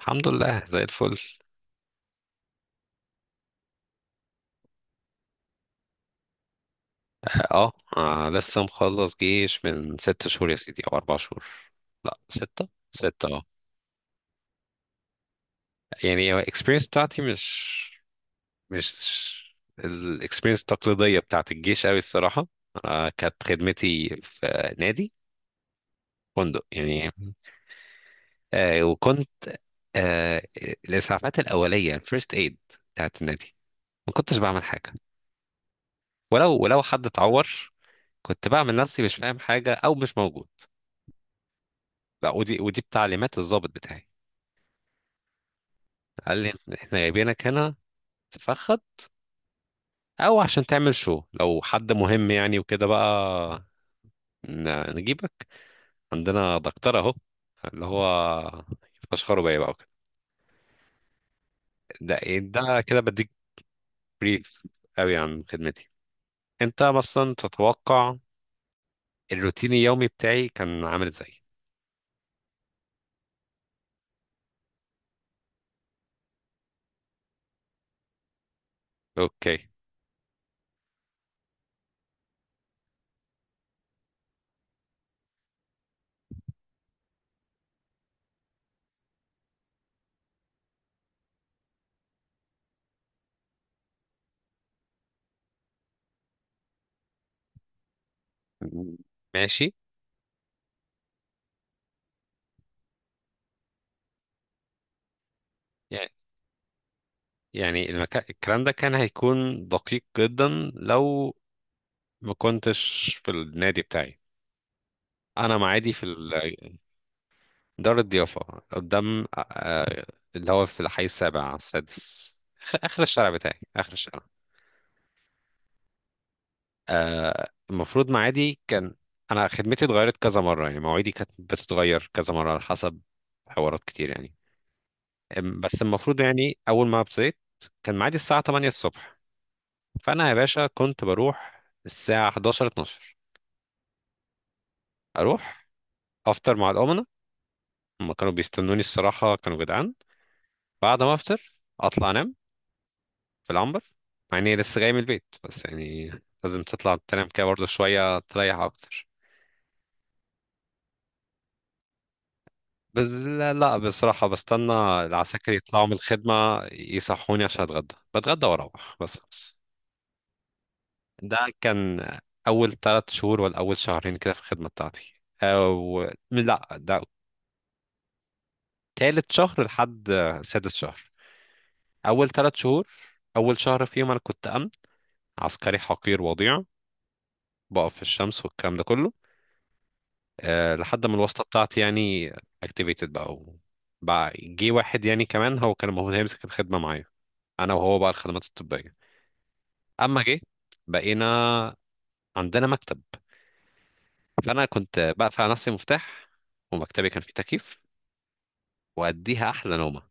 الحمد لله زي الفل. اه، لسه مخلص جيش من ست شهور يا سيدي او اربع شهور. لا، ستة ستة اه. يعني الاكسبيرينس بتاعتي مش الاكسبيرينس التقليدية بتاعت الجيش قوي الصراحة. انا كانت خدمتي في نادي، فندق يعني. آه وكنت آه الاسعافات الاولية، الفيرست ايد بتاعت النادي. ما كنتش بعمل حاجة، ولو حد اتعور كنت بعمل نفسي مش فاهم حاجة او مش موجود. لا، ودي بتعليمات الضابط بتاعي، قال لي احنا جايبينك هنا تفخد او عشان تعمل شو لو حد مهم، يعني وكده بقى نجيبك، عندنا دكتور اهو اللي هو فشخره بيا بقى وكده. ده ايه ده؟ كده بديك بريف قوي عن خدمتي. انت مثلا تتوقع الروتين اليومي بتاعي كان عامل ازاي؟ اوكي، ماشي. يعني يعني المكان، الكلام ده كان هيكون دقيق جدا لو ما كنتش في النادي بتاعي. انا معادي في دار الضيافه، قدام اللي هو في الحي السابع على السادس، آخر الشارع بتاعي، اخر الشارع. آه، المفروض معادي كان، انا خدمتي اتغيرت كذا مره، يعني مواعيدي كانت بتتغير كذا مره على حسب حوارات كتير يعني. بس المفروض، يعني اول ما ابتديت، كان معادي الساعه 8 الصبح. فانا يا باشا كنت بروح الساعه 11 12، اروح افطر مع الامنه. هم كانوا بيستنوني، الصراحه كانوا جدعان. بعد ما افطر اطلع انام في العنبر، مع اني لسه جاي من البيت، بس يعني لازم تطلع تنام كده برضه شوية تريح أكتر. بس لا، لا بصراحة بستنى العساكر يطلعوا من الخدمة يصحوني عشان أتغدى، بتغدى وأروح بس خلاص. ده كان أول تلات شهور ولا أول شهرين كده في الخدمة بتاعتي. أو لا، ده تالت شهر لحد سادس شهر. أول تلات شهور، أول شهر فيهم أنا كنت أمن، عسكري حقير وضيع، بقف في الشمس والكلام ده كله. آه، لحد ما الواسطة بتاعتي يعني activated بقى بقى جه واحد يعني كمان، هو كان المفروض هيمسك الخدمة معايا، أنا وهو بقى الخدمات الطبية. أما جه، بقينا عندنا مكتب، فأنا كنت بقفل على نفسي مفتاح، ومكتبي كان فيه تكييف، وأديها أحلى نومة.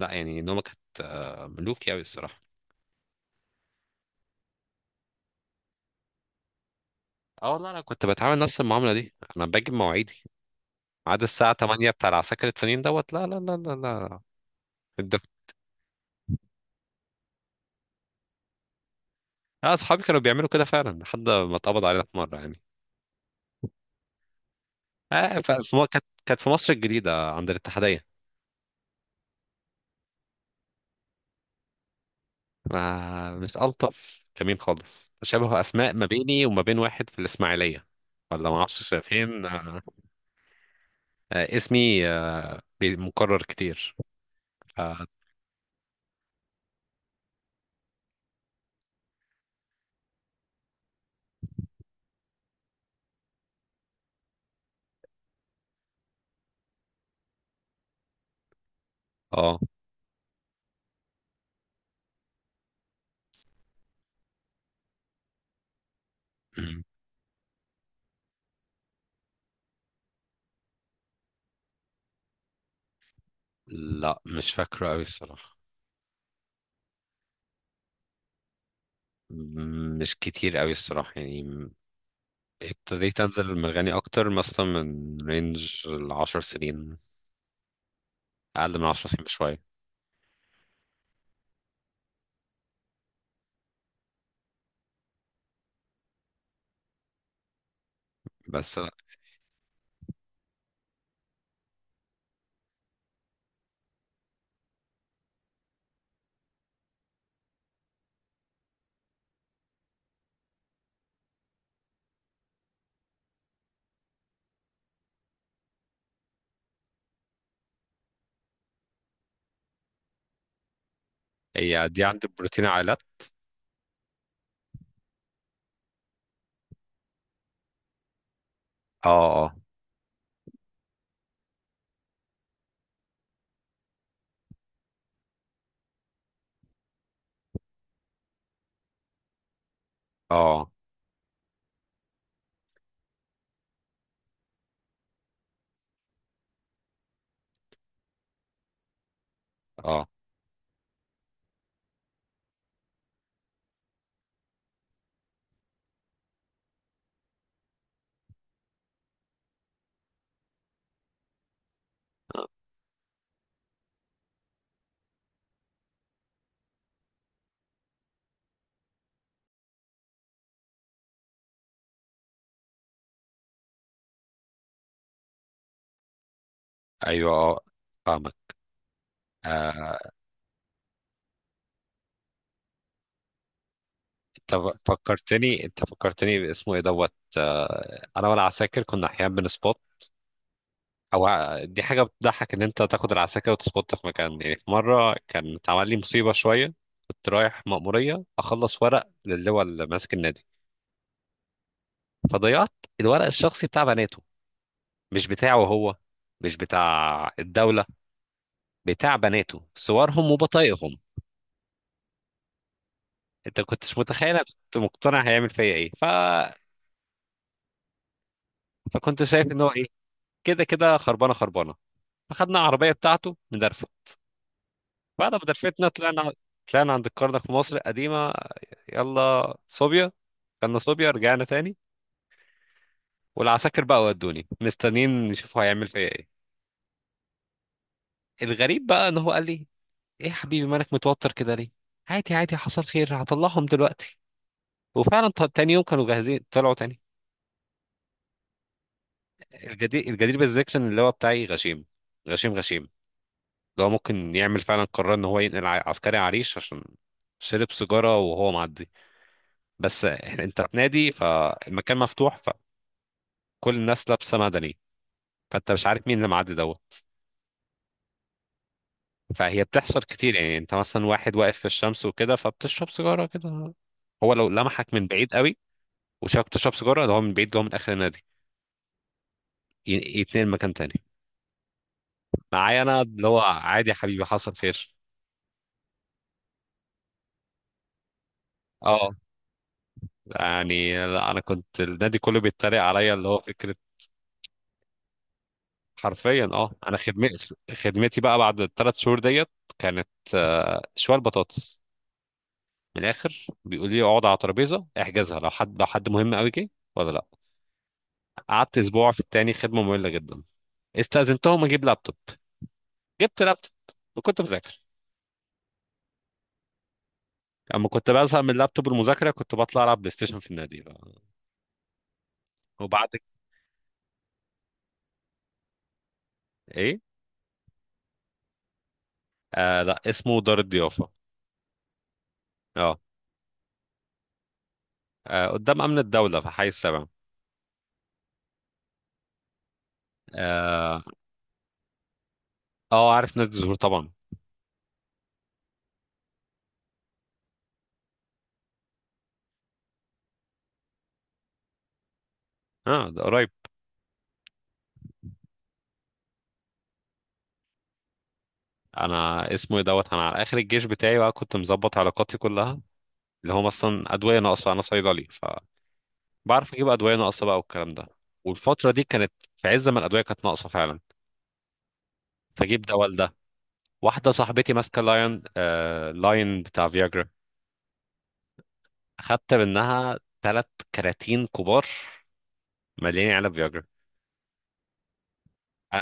لا يعني نومة كانت آه، ملوكي أوي الصراحة. اه والله، أنا كنت بتعامل نفس المعاملة دي، أنا باجي بمواعيدي عاد الساعة 8 بتاع العساكر التانيين دوت. لا لا لا لا لا. الدف- لا، أصحابي كانوا بيعملوا كده فعلا لحد ما اتقبض علينا في مرة يعني. كانت في مصر الجديدة عند الاتحادية. ما مش ألطف كمين خالص، شبه أسماء ما بيني وما بين واحد في الإسماعيلية، ولا ما أعرفش فين. آه آه، اسمي مكرر كتير. ف- اه. مم. لا مش فاكره أوي الصراحة. مم، مش كتير أوي الصراحة يعني. ابتديت أنزل المرغني أكتر مثلا من رينج العشر سنين، أقل من عشر سنين بشوية. بس لا، هي دي عند بروتين عائلات. اه. اه. اه اه. ايوه، اه، فاهمك. آه، انت فكرتني، انت فكرتني باسمه ايه دوت. آه، انا وانا عساكر كنا احيانا بنسبوت. او دي حاجه بتضحك، ان انت تاخد العساكر وتسبوت في مكان. يعني في مره كان اتعمل لي مصيبه شويه. كنت رايح مأموريه اخلص ورق للواء اللي ماسك النادي، فضيعت الورق الشخصي بتاع بناته، مش بتاعه هو، مش بتاع الدوله، بتاع بناته، صورهم وبطايقهم. انت كنتش متخيل انا كنت مقتنع هيعمل فيا ايه. فكنت شايف ان هو ايه، كده كده خربانه، خربانه، فخدنا العربيه بتاعته ندرفه. بعد ما درفتنا طلعنا، طلعنا عند الكرنك في مصر القديمه، يلا صوبيا، كنا صوبيا رجعنا تاني. والعساكر بقى ودوني مستنيين يشوفوا هيعمل فيا ايه. الغريب بقى ان هو قال لي: ايه يا حبيبي مالك متوتر كده ليه؟ عادي عادي، حصل خير، هطلعهم دلوقتي. وفعلا تاني يوم كانوا جاهزين، طلعوا تاني. الجدير بالذكر ان اللواء بتاعي غشيم، غشيم غشيم. لو ممكن يعمل فعلا قرار ان هو ينقل عسكري عريش عشان شرب سيجاره وهو معدي. بس انت في نادي، فالمكان مفتوح، فكل الناس لابسه مدني، فانت مش عارف مين اللي معدي دوت. فهي بتحصل كتير، يعني انت مثلا واحد واقف في الشمس وكده فبتشرب سيجاره كده. هو لو لمحك من بعيد قوي وشافك بتشرب سيجاره، ده هو من بعيد، ده هو من اخر النادي، يتنقل مكان تاني معايا، انا اللي هو عادي يا حبيبي، حصل خير. اه. يعني لا، انا كنت النادي كله بيتريق عليا، اللي هو فكره. حرفيا اه، انا خدمتي بقى بعد ال3 شهور ديت كانت آه، شوال بطاطس. من الاخر بيقول لي اقعد على ترابيزه، احجزها لو حد، لو حد مهم قوي جه. ولا لا، قعدت اسبوع في التاني، خدمه ممله جدا. استأذنتهم اجيب لابتوب، جبت لابتوب وكنت بذاكر. اما كنت بزهق من اللابتوب، المذاكره، كنت بطلع العب بلاي ستيشن في النادي بقى. وبعد ك- ايه؟ آه لا، اسمه دار الضيافه. اه، آه، قدام امن الدوله في حي السبع. اه، آه، عارف نادي الزهور طبعا. اه ده قريب. انا اسمه ايه دوت، انا على اخر الجيش بتاعي بقى كنت مظبط علاقاتي كلها، اللي هم اصلا ادويه ناقصه. انا صيدلي، فبعرف اجيب ادويه ناقصه بقى والكلام ده. والفتره دي كانت في عز ما الادويه كانت ناقصه فعلا، فجيب دواء لده. واحده صاحبتي ماسكه لاين، آه لاين بتاع فياجرا، اخدت منها 3 كراتين كبار مليانين علب فياجرا. أ-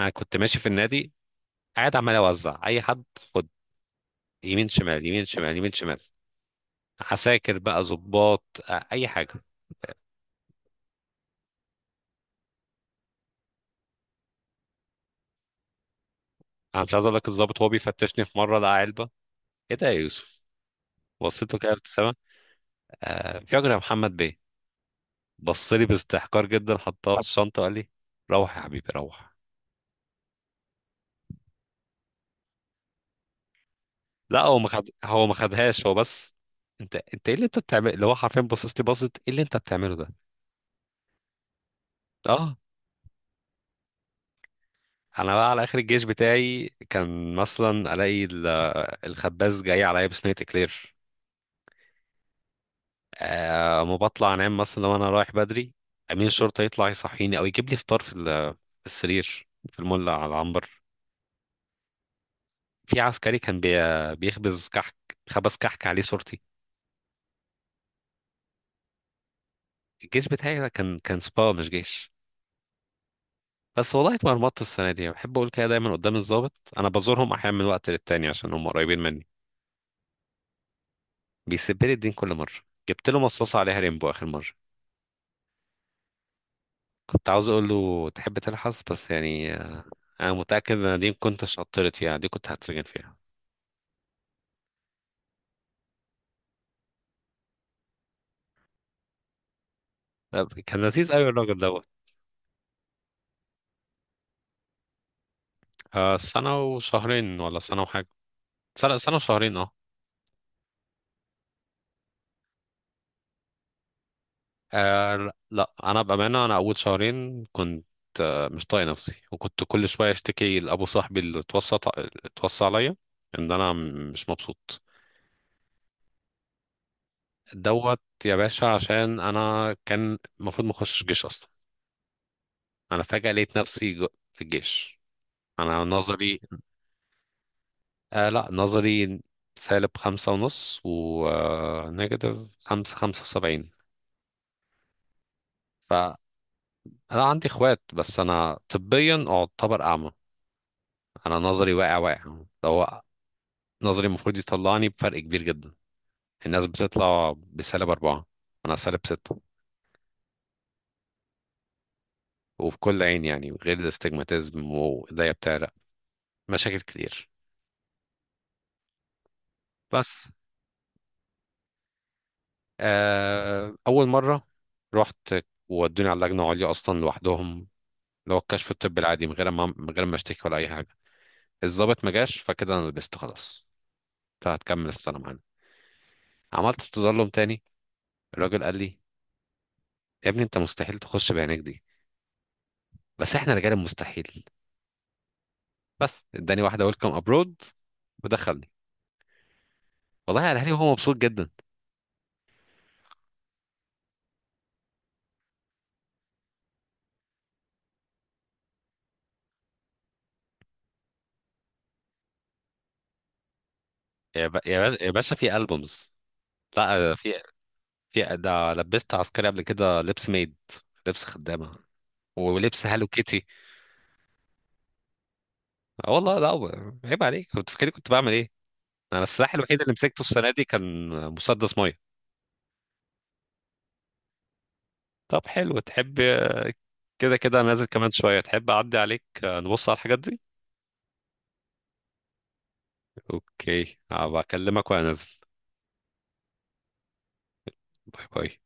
انا كنت ماشي في النادي قاعد عمال اوزع اي حد: خد. يمين شمال، يمين شمال، يمين شمال. عساكر بقى، ظباط، آه، اي حاجه. انا مش عايز اقول لك، الضابط وهو بيفتشني في مره لقى علبه: ايه ده يا يوسف؟ بصيت له كده بابتسامه: آه في اجر يا محمد بيه. بص لي باستحقار جدا، حطها في الشنطه وقال لي: روح يا حبيبي روح. لا هو ما خد، هو ما خدهاش، هو بس انت ايه اللي انت بتعمله، اللي هو حرفيا بصص لي بصت: ايه اللي انت بتعمله ده؟ اه. انا بقى على اخر الجيش بتاعي كان مثلا الاقي الخباز جاي عليا بصينيه اكلير. آه، ما بطلع انام مثلا، لو انا رايح بدري امين الشرطه يطلع يصحيني او يجيب لي فطار في في السرير في المولع على العنبر. في عسكري كان بيخبز كحك، خبز كحك عليه صورتي. الجيش بتاعي ده كان سبا مش جيش. بس والله اتمرمطت السنة دي. بحب أقول كده دايما قدام الضابط. أنا بزورهم أحيانا من وقت للتاني، عشان هم قريبين مني، بيسيب لي الدين كل مرة. جبت له مصاصة عليها ريمبو آخر مرة، كنت عاوز أقول له تحب تلحس، بس يعني أنا متأكد إن دي ما كنتش عطلت فيها، دي كنت هتسجن فيها. لا، كان لذيذ أوي الراجل دوت. آه، سنة وشهرين ولا سنة وحاجة. سنة، سنة وشهرين اه. آه لا، انا بامانه انا اول شهرين كنت آه مش طايق نفسي، وكنت كل شويه اشتكي لابو صاحبي اللي اتوصى، اتوصى عليا ان انا مش مبسوط دوت يا باشا، عشان انا كان المفروض ما اخشش جيش اصلا. انا فجاه لقيت نفسي في الجيش. انا نظري، آه لا نظري سالب 5 ونص، ونيجاتيف 5.75. فأنا عندي إخوات، بس أنا طبيا أعتبر أعمى. أنا نظري واقع، واقع. لو نظري المفروض يطلعني بفرق كبير جدا. الناس بتطلع بسالب أربعة، أنا سالب ستة، وفي كل عين، يعني غير الاستجماتيزم وإيديا بتعرق، مشاكل كتير. بس آه، أول مرة رحت، وودوني على اللجنة العليا أصلا لوحدهم، اللي هو الكشف الطبي العادي، من غير ما اشتكي ولا أي حاجة. الضابط ما جاش، فكده أنا لبست خلاص، فهتكمل السنة معانا. عملت تظلم تاني، الراجل قال لي: يا ابني أنت مستحيل تخش بعينيك دي، بس احنا رجال المستحيل. بس اداني واحده ويلكم ابرود ودخلني. والله قالها لي وهو مبسوط جدا. يا باشا، يا باشا في البومز. لا في، في ده لبست عسكري قبل كده، لبس ميد، لبس خدامه، ولبس هالو كيتي. آه والله، لا عيب عليك، كنت فاكر كنت بعمل ايه؟ انا السلاح الوحيد اللي مسكته السنه دي كان مسدس ميه. طب حلو، تحب كده كده أنا نازل كمان شويه، تحب اعدي عليك آه، نبص على الحاجات دي؟ اوكي، هبقى اكلمك وانا نازل. باي باي.